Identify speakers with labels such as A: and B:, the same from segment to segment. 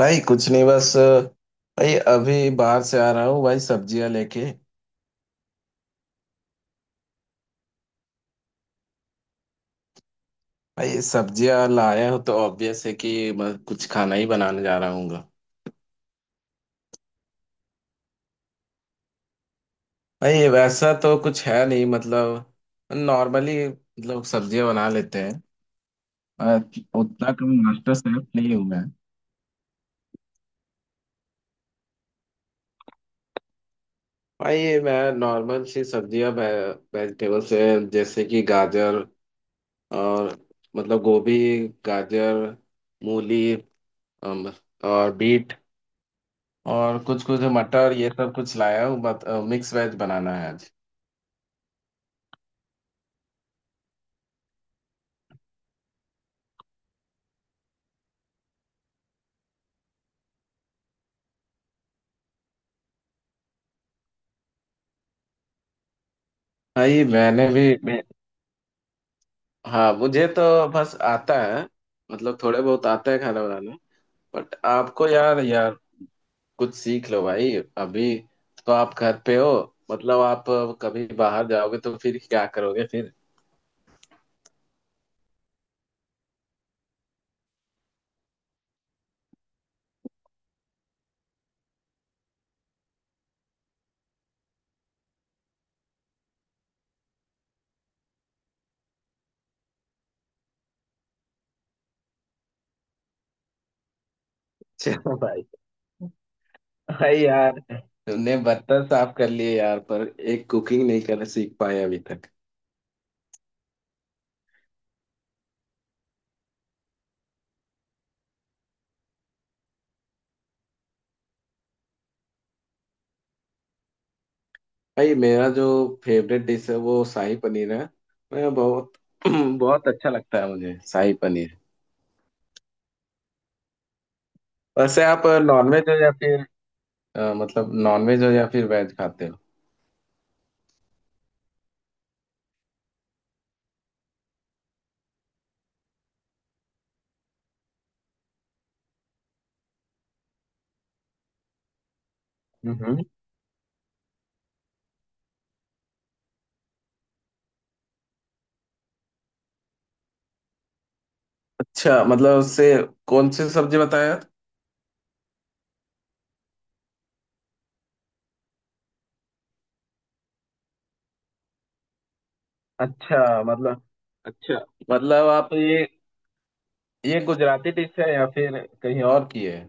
A: भाई कुछ नहीं, बस भाई अभी बाहर से आ रहा हूँ भाई, सब्जियां लेके। भाई सब्जियां लाया हूँ तो ऑब्वियस है कि मैं कुछ खाना ही बनाने जा रहा हूँ। भाई वैसा तो कुछ है नहीं, मतलब नॉर्मली मतलब सब्जियां बना लेते हैं। मैं उतना कम मास्टर शेफ नहीं हूँ मैं। भाई मैं नॉर्मल सी सब्जियां, वेजिटेबल्स से, जैसे कि गाजर और मतलब गोभी, गाजर, मूली, अम, और बीट और कुछ कुछ मटर, ये सब कुछ लाया हूँ। बट मिक्स वेज बनाना है आज। भाई हाँ, मुझे तो बस आता है, मतलब थोड़े बहुत आता है खाना बनाना। बट आपको यार, कुछ सीख लो भाई। अभी तो आप घर पे हो, मतलब आप कभी बाहर जाओगे तो फिर क्या करोगे फिर। चलो भाई। भाई यार, तुमने बर्तन साफ कर लिए यार, पर एक कुकिंग नहीं करना सीख पाए अभी तक। भाई मेरा जो फेवरेट डिश है वो शाही पनीर है। मैं बहुत बहुत अच्छा लगता है मुझे शाही पनीर। वैसे आप नॉनवेज हो या फिर मतलब नॉनवेज हो या फिर वेज खाते हो। हम्म। अच्छा, मतलब उससे कौन सी सब्जी बताया। अच्छा, मतलब अच्छा, मतलब आप ये गुजराती डिश है या फिर कहीं और की है।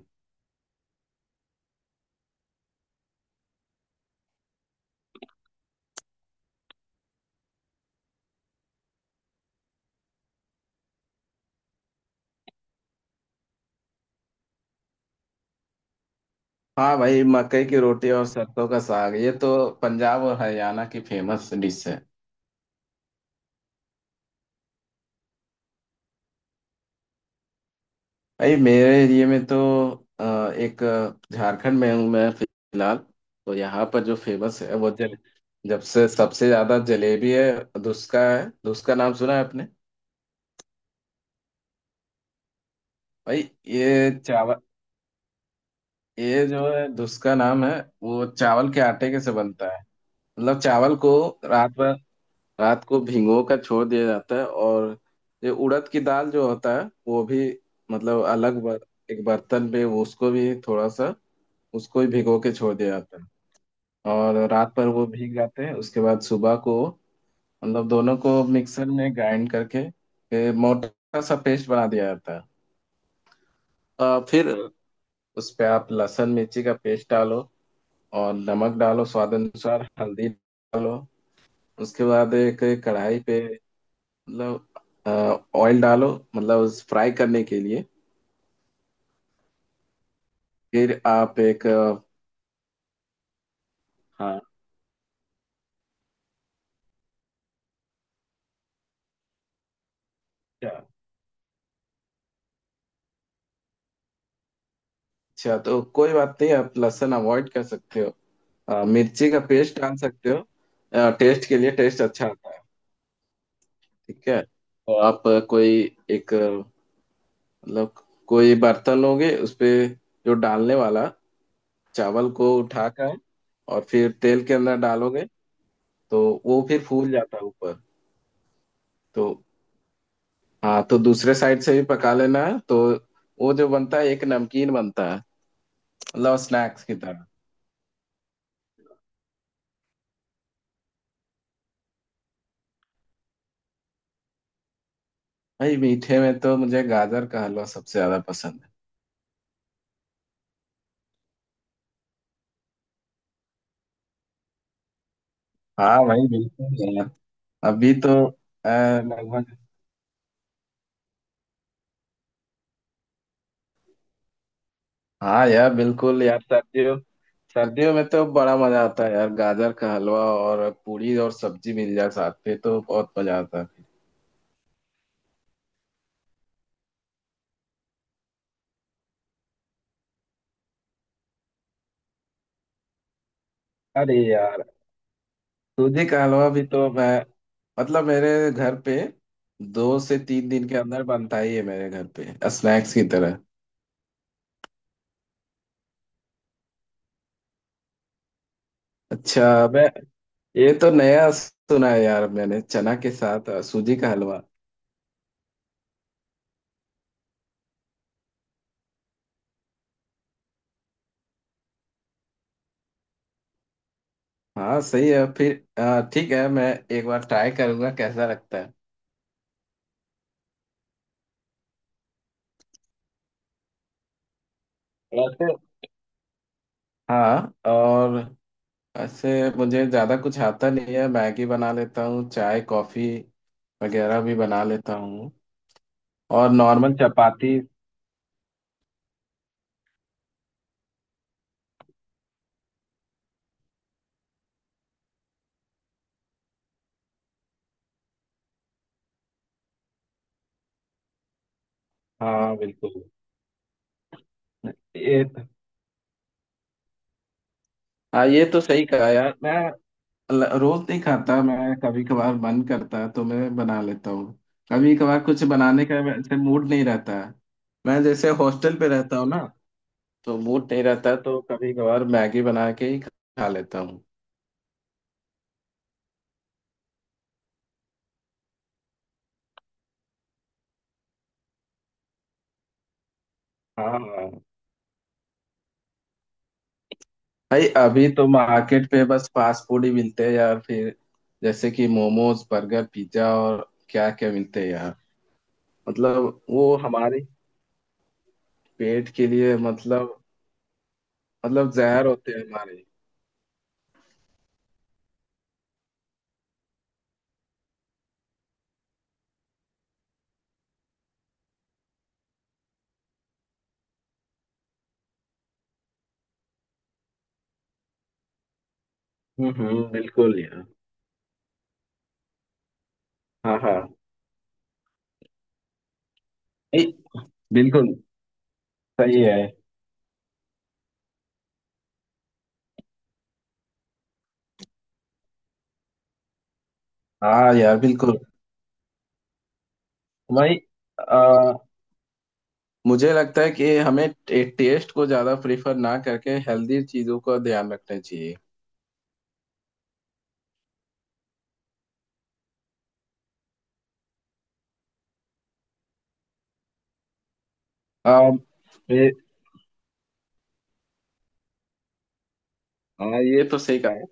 A: हाँ भाई, मकई की रोटी और सरसों का साग, ये तो पंजाब और हरियाणा की फेमस डिश है। भाई मेरे एरिया में तो अ, एक झारखंड में हूँ मैं फिलहाल, तो यहाँ पर जो फेमस है वो जल जब से सबसे ज्यादा जलेबी है, धुसका है। धुसका नाम सुना है आपने। भाई ये चावल, ये जो है धुसका नाम है, वो चावल के आटे के से बनता है। मतलब चावल को रात भर, रात को भिगो कर छोड़ दिया जाता है, और ये उड़द की दाल जो होता है वो भी, मतलब अलग बर, एक बर्तन पे वो, उसको भी थोड़ा सा, उसको भी भिगो के छोड़ दिया जाता है। और रात पर वो भीग जाते हैं, उसके बाद सुबह को मतलब दोनों को मिक्सर में ग्राइंड करके मोटा सा पेस्ट बना दिया जाता है। फिर उस पे आप लहसुन मिर्ची का पेस्ट डालो और नमक डालो, स्वाद अनुसार हल्दी डालो। उसके बाद एक कढ़ाई पे मतलब ऑयल डालो, मतलब उस फ्राई करने के लिए। फिर आप एक, हाँ, अच्छा अच्छा, तो कोई बात नहीं, आप लहसुन अवॉइड कर सकते हो। मिर्ची का पेस्ट डाल सकते हो। टेस्ट के लिए टेस्ट अच्छा आता है। ठीक है, तो आप कोई एक, मतलब कोई बर्तन लोगे उस पे, जो डालने वाला चावल को उठाकर और फिर तेल के अंदर डालोगे। तो वो फिर फूल जाता है ऊपर। तो हाँ, तो दूसरे साइड से भी पका लेना है। तो वो जो बनता है, एक नमकीन बनता है, मतलब स्नैक्स की तरह। भाई मीठे में तो मुझे गाजर का हलवा सबसे ज्यादा पसंद है। हाँ भाई बिल्कुल यार, अभी तो लगभग, हाँ यार बिल्कुल यार, सर्दियों सर्दियों में तो बड़ा मजा आता है यार, गाजर का हलवा और पूड़ी और सब्जी मिल जाए साथ में तो बहुत मजा आता है। अरे यार, सूजी का हलवा भी तो मैं मतलब मेरे घर पे दो से तीन दिन के अंदर बनता ही है मेरे घर पे, स्नैक्स की तरह। अच्छा, मैं, ये तो नया सुना है यार मैंने, चना के साथ सूजी का हलवा। हाँ सही है फिर, ठीक है, मैं एक बार ट्राई करूंगा कैसा लगता है। वैसे हाँ, और ऐसे मुझे ज़्यादा कुछ आता नहीं है, मैगी बना लेता हूँ, चाय कॉफ़ी वगैरह भी बना लेता हूँ, और नॉर्मल चपाती। हाँ बिल्कुल, ये तो हाँ, ये तो सही कहा यार। रोज नहीं खाता मैं, कभी कभार मन करता है तो मैं बना लेता हूँ। कभी कभार कुछ बनाने का वैसे मूड नहीं रहता है। मैं जैसे हॉस्टल पे रहता हूँ ना, तो मूड नहीं रहता, तो कभी कभार मैगी बना के ही खा लेता हूँ। हाँ हाँ। भाई अभी तो मार्केट पे बस फास्ट फूड ही मिलते हैं यार फिर, जैसे कि मोमोज, बर्गर, पिज्जा, और क्या क्या मिलते हैं यार। मतलब वो हमारे पेट के लिए मतलब, मतलब जहर होते हैं हमारे। बिल्कुल यार। हाँ हाँ। ए, बिल्कुल, सही है। हाँ यार बिल्कुल। भाई आ, मुझे लगता है कि हमें टेस्ट को ज्यादा प्रेफर ना करके हेल्दी चीजों का ध्यान रखना चाहिए। आ, ये, हाँ, ये तो सही कहा है।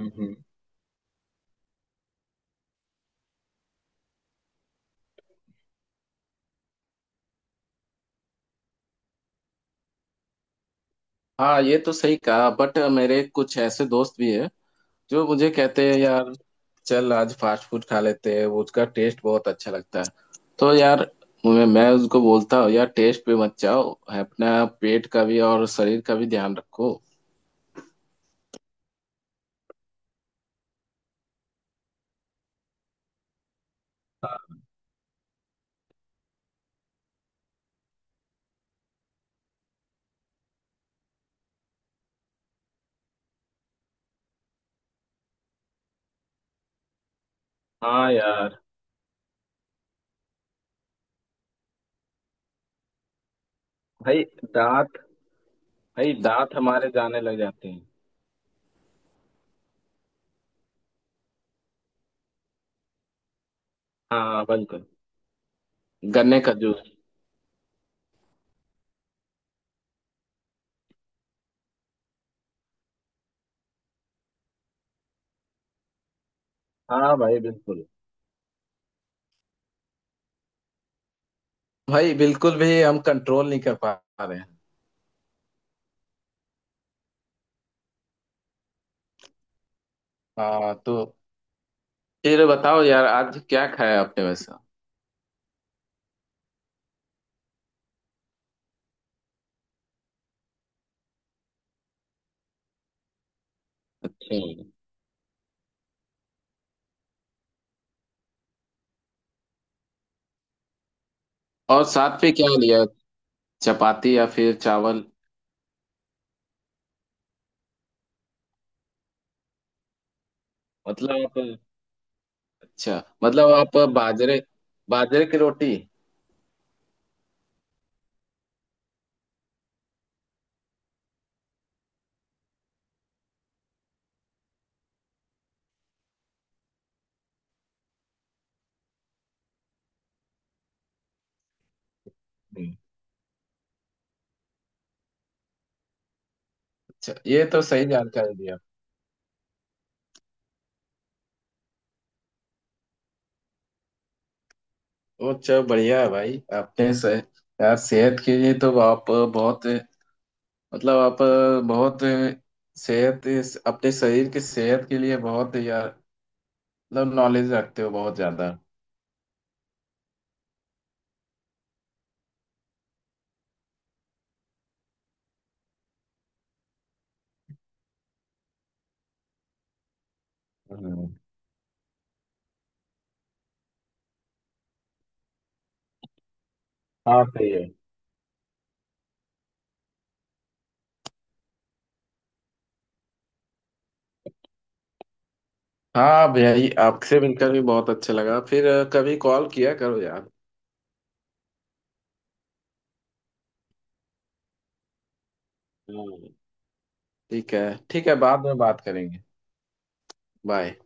A: हम्म हम्म। हाँ ये तो सही कहा, बट मेरे कुछ ऐसे दोस्त भी हैं जो मुझे कहते हैं यार, चल आज फास्ट फूड खा लेते हैं, वो उसका टेस्ट बहुत अच्छा लगता है। तो यार मैं उसको बोलता हूँ यार, टेस्ट पे मत जाओ, अपना पेट का भी और शरीर का भी ध्यान रखो। हाँ यार। भाई दांत, भाई दांत हमारे जाने लग जाते हैं। हाँ बिल्कुल, गन्ने का जूस। हाँ भाई बिल्कुल, भाई बिल्कुल भी हम कंट्रोल नहीं कर पा रहे हैं। हाँ, तो फिर बताओ यार, आज क्या खाया आपने वैसे। अच्छा, और साथ पे क्या लिया, चपाती या फिर चावल। मतलब आप, अच्छा मतलब आप बाजरे, बाजरे की रोटी। हम्म, अच्छा, ये तो सही जानकारी दी आप। तो अच्छा, बढ़िया है भाई। यार सेहत के लिए तो आप बहुत मतलब आप बहुत सेहत, अपने शरीर की सेहत के लिए बहुत यार, मतलब नॉलेज रखते हो बहुत ज्यादा। हम्म, हाँ सही है। हाँ भाई, आपसे मिलकर भी बहुत अच्छा लगा। फिर कभी कॉल किया करो यार। हाँ ठीक है। ठीक है, बाद में बात करेंगे। बाय।